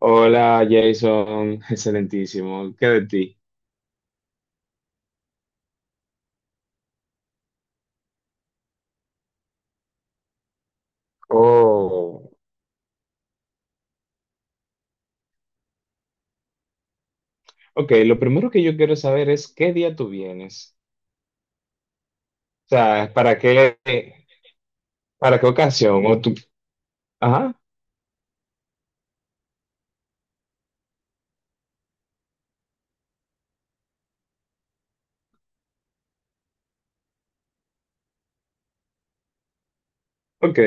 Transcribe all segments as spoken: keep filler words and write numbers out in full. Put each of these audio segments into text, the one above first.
Hola Jason, excelentísimo. ¿Qué de ti? Oh, ok, lo primero que yo quiero saber es qué día tú vienes. O sea, ¿para qué, para qué ocasión? O tú... Ajá, ok,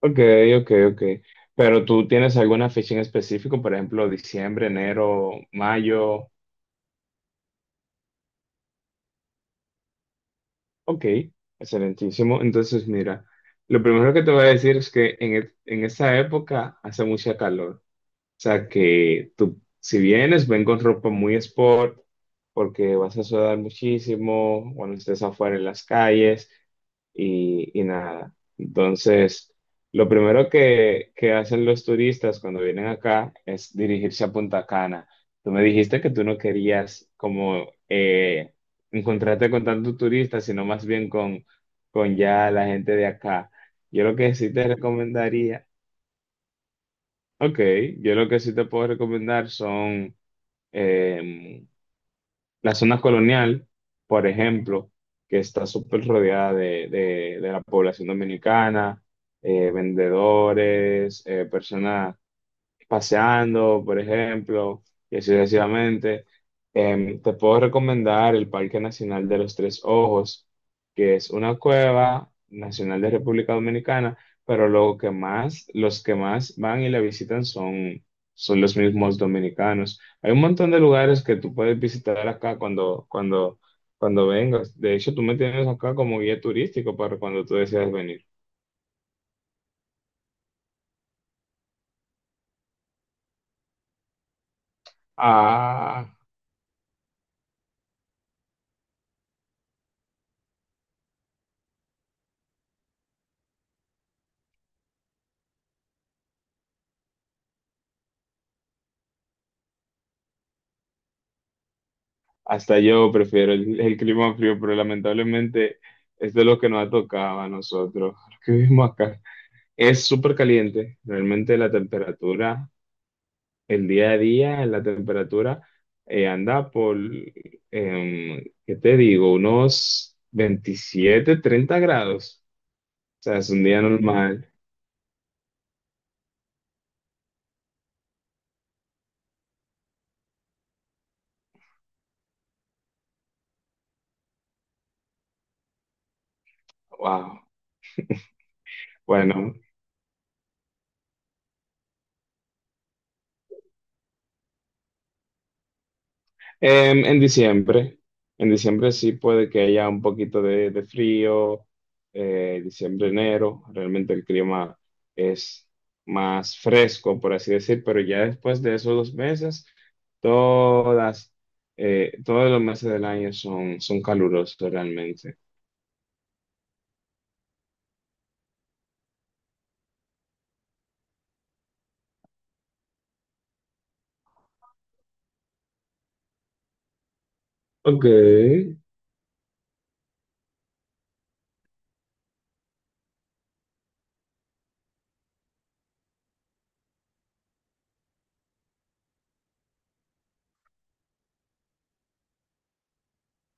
ok, ok, ok. Pero tú tienes alguna fecha en específico, por ejemplo, diciembre, enero, mayo. Ok, excelentísimo. Entonces, mira, lo primero que te voy a decir es que en, e- en esa época hace mucha calor. Sea que tú, si vienes, ven con ropa muy sport, porque vas a sudar muchísimo cuando estés afuera en las calles y, y nada. Entonces, lo primero que, que hacen los turistas cuando vienen acá es dirigirse a Punta Cana. Tú me dijiste que tú no querías como eh, encontrarte con tantos turistas, sino más bien con, con ya la gente de acá. Yo lo que sí te recomendaría. Ok, yo lo que sí te puedo recomendar son em, la zona colonial, por ejemplo, que está súper rodeada de, de- de la población dominicana, eh, vendedores, eh, personas paseando, por ejemplo, y así sucesivamente. Em, te puedo recomendar el Parque Nacional de los Tres Ojos, que es una cueva nacional de República Dominicana, pero lo que más, los que más van y la visitan son, son los mismos dominicanos. Hay un montón de lugares que tú puedes visitar acá cuando, cuando, cuando vengas. De hecho, tú me tienes acá como guía turístico para cuando tú deseas venir. Ah, hasta yo prefiero el, el clima frío, pero lamentablemente esto es de lo que nos ha tocado a nosotros, los que vivimos acá. Es súper caliente, realmente la temperatura, el día a día, la temperatura eh, anda por, em, ¿qué te digo? Unos veintisiete treinta grados. O sea, es un día normal. Wow. Bueno, Em, en diciembre, en diciembre sí puede que haya un poquito de, de frío, eh, diciembre, enero, realmente el clima es más fresco, por así decir, pero ya después de esos dos meses, todas, eh, todos los meses del año son, son calurosos realmente. Ok,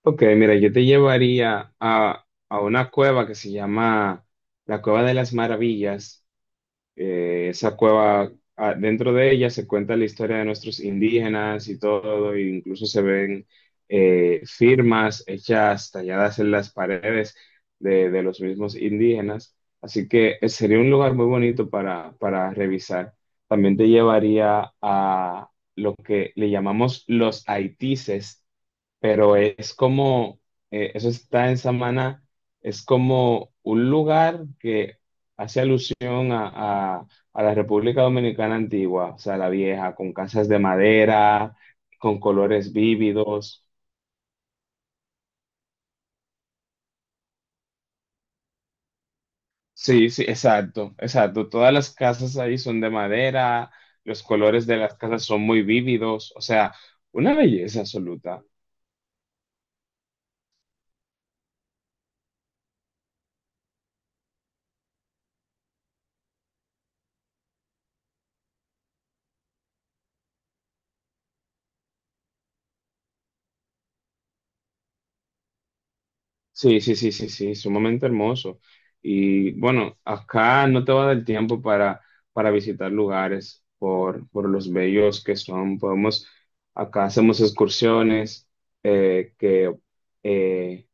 ok, mira, yo te llevaría a, a una cueva que se llama la Cueva de las Maravillas. Eh, esa cueva, ah, dentro de ella se cuenta la historia de nuestros indígenas y todo, e incluso se ven eh, firmas hechas, talladas en las paredes de, de los mismos indígenas. Así que eh, sería un lugar muy bonito para, para revisar. También te llevaría a lo que le llamamos los haitises, pero es como, eh, eso está en Samana, es como un lugar que hace alusión a, a- a la República Dominicana antigua, o sea, la vieja, con casas de madera, con colores vívidos. Sí, sí, exacto, exacto. Todas las casas ahí son de madera, los colores de las casas son muy vívidos, o sea, una belleza absoluta. Sí, sí, sí, sí, sí, sumamente hermoso. Y bueno, acá no te va a dar tiempo para, para visitar lugares por, por los bellos que son. Podemos, acá hacemos excursiones eh, que eh,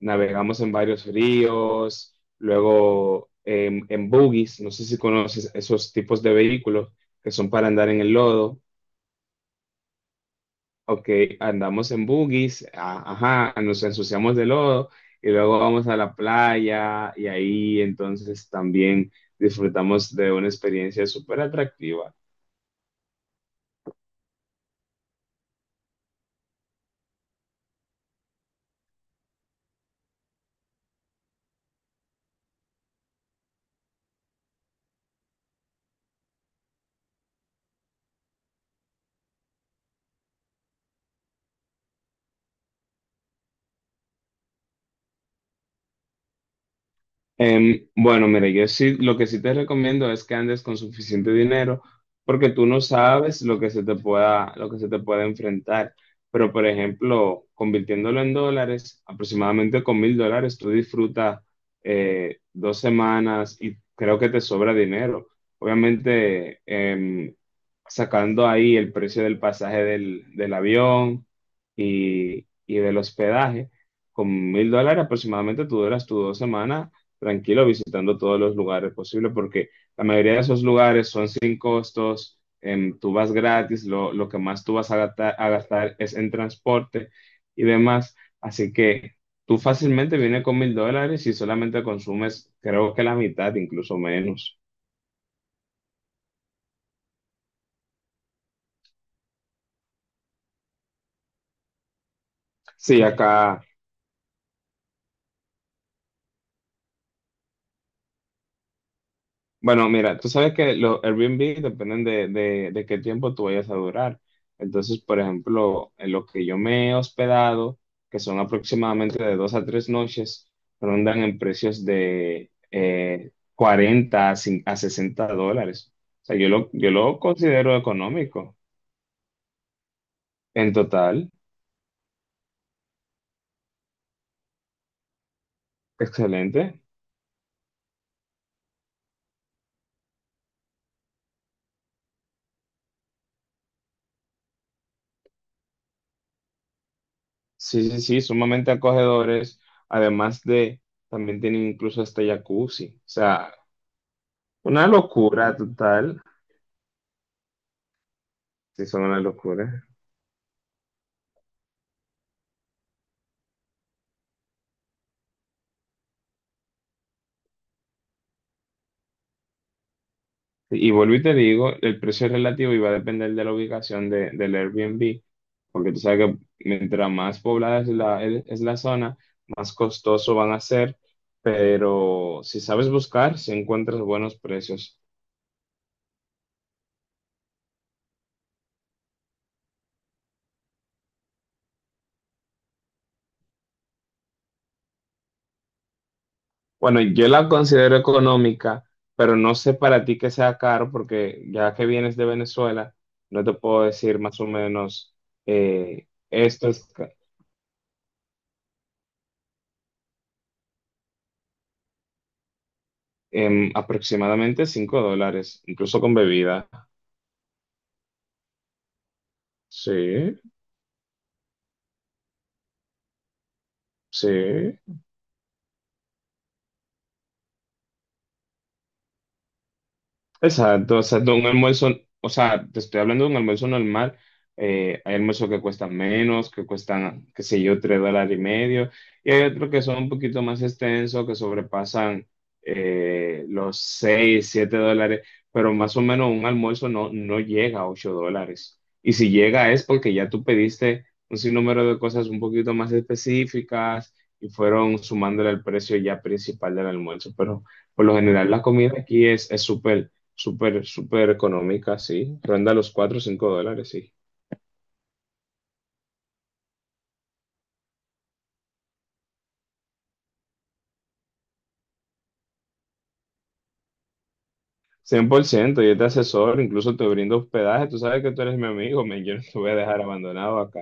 navegamos en varios ríos, luego en en buggies. No sé si conoces esos tipos de vehículos que son para andar en el lodo. Ok, andamos en buggies, a- ajá, nos ensuciamos de lodo y luego vamos a la playa y ahí entonces también disfrutamos de una experiencia súper atractiva. Em, bueno, mira, yo sí, lo que sí te recomiendo es que andes con suficiente dinero, porque tú no sabes lo que se te pueda, lo que se te pueda enfrentar. Pero, por ejemplo, convirtiéndolo en dólares, aproximadamente con mil dólares, tú disfrutas eh, dos semanas y creo que te sobra dinero. Obviamente, em, sacando ahí el precio del pasaje del, del avión y, y del hospedaje, con mil dólares aproximadamente tú duras tus dos semanas tranquilo visitando todos los lugares posibles, porque la mayoría de esos lugares son sin costos, em, tú vas gratis. Lo, lo que más tú vas a gastar, a gastar, es en transporte y demás. Así que tú fácilmente vienes con mil dólares y solamente consumes, creo que la mitad, incluso menos. Sí, acá. Bueno, mira, tú sabes que los Airbnb dependen de, de, de qué tiempo tú vayas a durar. Entonces, por ejemplo, en lo que yo me he hospedado, que son aproximadamente de dos a tres noches, rondan en precios de eh, cuarenta a, cin- a sesenta dólares. O sea, yo lo, yo lo considero económico. En total, excelente. Sí, sí, sí, sumamente acogedores. Además de, también tienen incluso hasta jacuzzi. O sea, una locura total. Sí, son una locura. Y vuelvo y te digo, el precio es relativo y va a depender de la ubicación de, del Airbnb, porque tú sabes que mientras más poblada es la, es la zona, más costoso van a ser, pero si sabes buscar, si encuentras buenos precios. Bueno, yo la considero económica, pero no sé para ti que sea caro, porque ya que vienes de Venezuela, no te puedo decir más o menos. Eh, esto es ca- em, Aproximadamente cinco dólares, incluso con bebida. Sí, sí. Exacto, o exacto, un almuerzo, o sea, te estoy hablando de un almuerzo normal. Eh, hay almuerzos que cuestan menos, que cuestan, qué sé yo, tres dólares y medio, y hay otros que son un poquito más extensos, que sobrepasan eh, los seis, siete dólares, pero más o menos un almuerzo no, no llega a ocho dólares, y si llega es porque ya tú pediste un sinnúmero de cosas un poquito más específicas y fueron sumándole al precio ya principal del almuerzo, pero. Por lo general, la comida aquí es es súper súper, súper económica, sí. Ronda los cuatro o cinco dólares, sí. Cien por ciento yo te asesoro, incluso te brindo hospedaje, tú sabes que tú eres mi amigo, men, yo no te voy a dejar abandonado acá.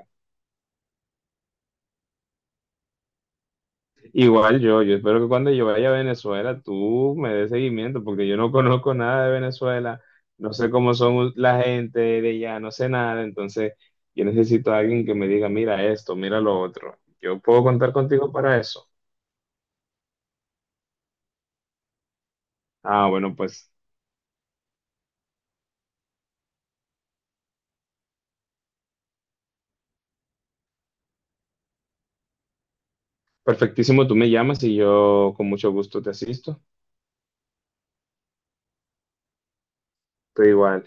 Igual yo, yo espero que cuando yo vaya a Venezuela tú me des seguimiento, porque yo no conozco nada de Venezuela, no sé cómo son la gente de allá, no sé nada, entonces yo necesito a alguien que me diga, mira esto, mira lo otro. Yo puedo contar contigo para eso. Ah, bueno, pues perfectísimo, tú me llamas y yo con mucho gusto te asisto. Estoy igual.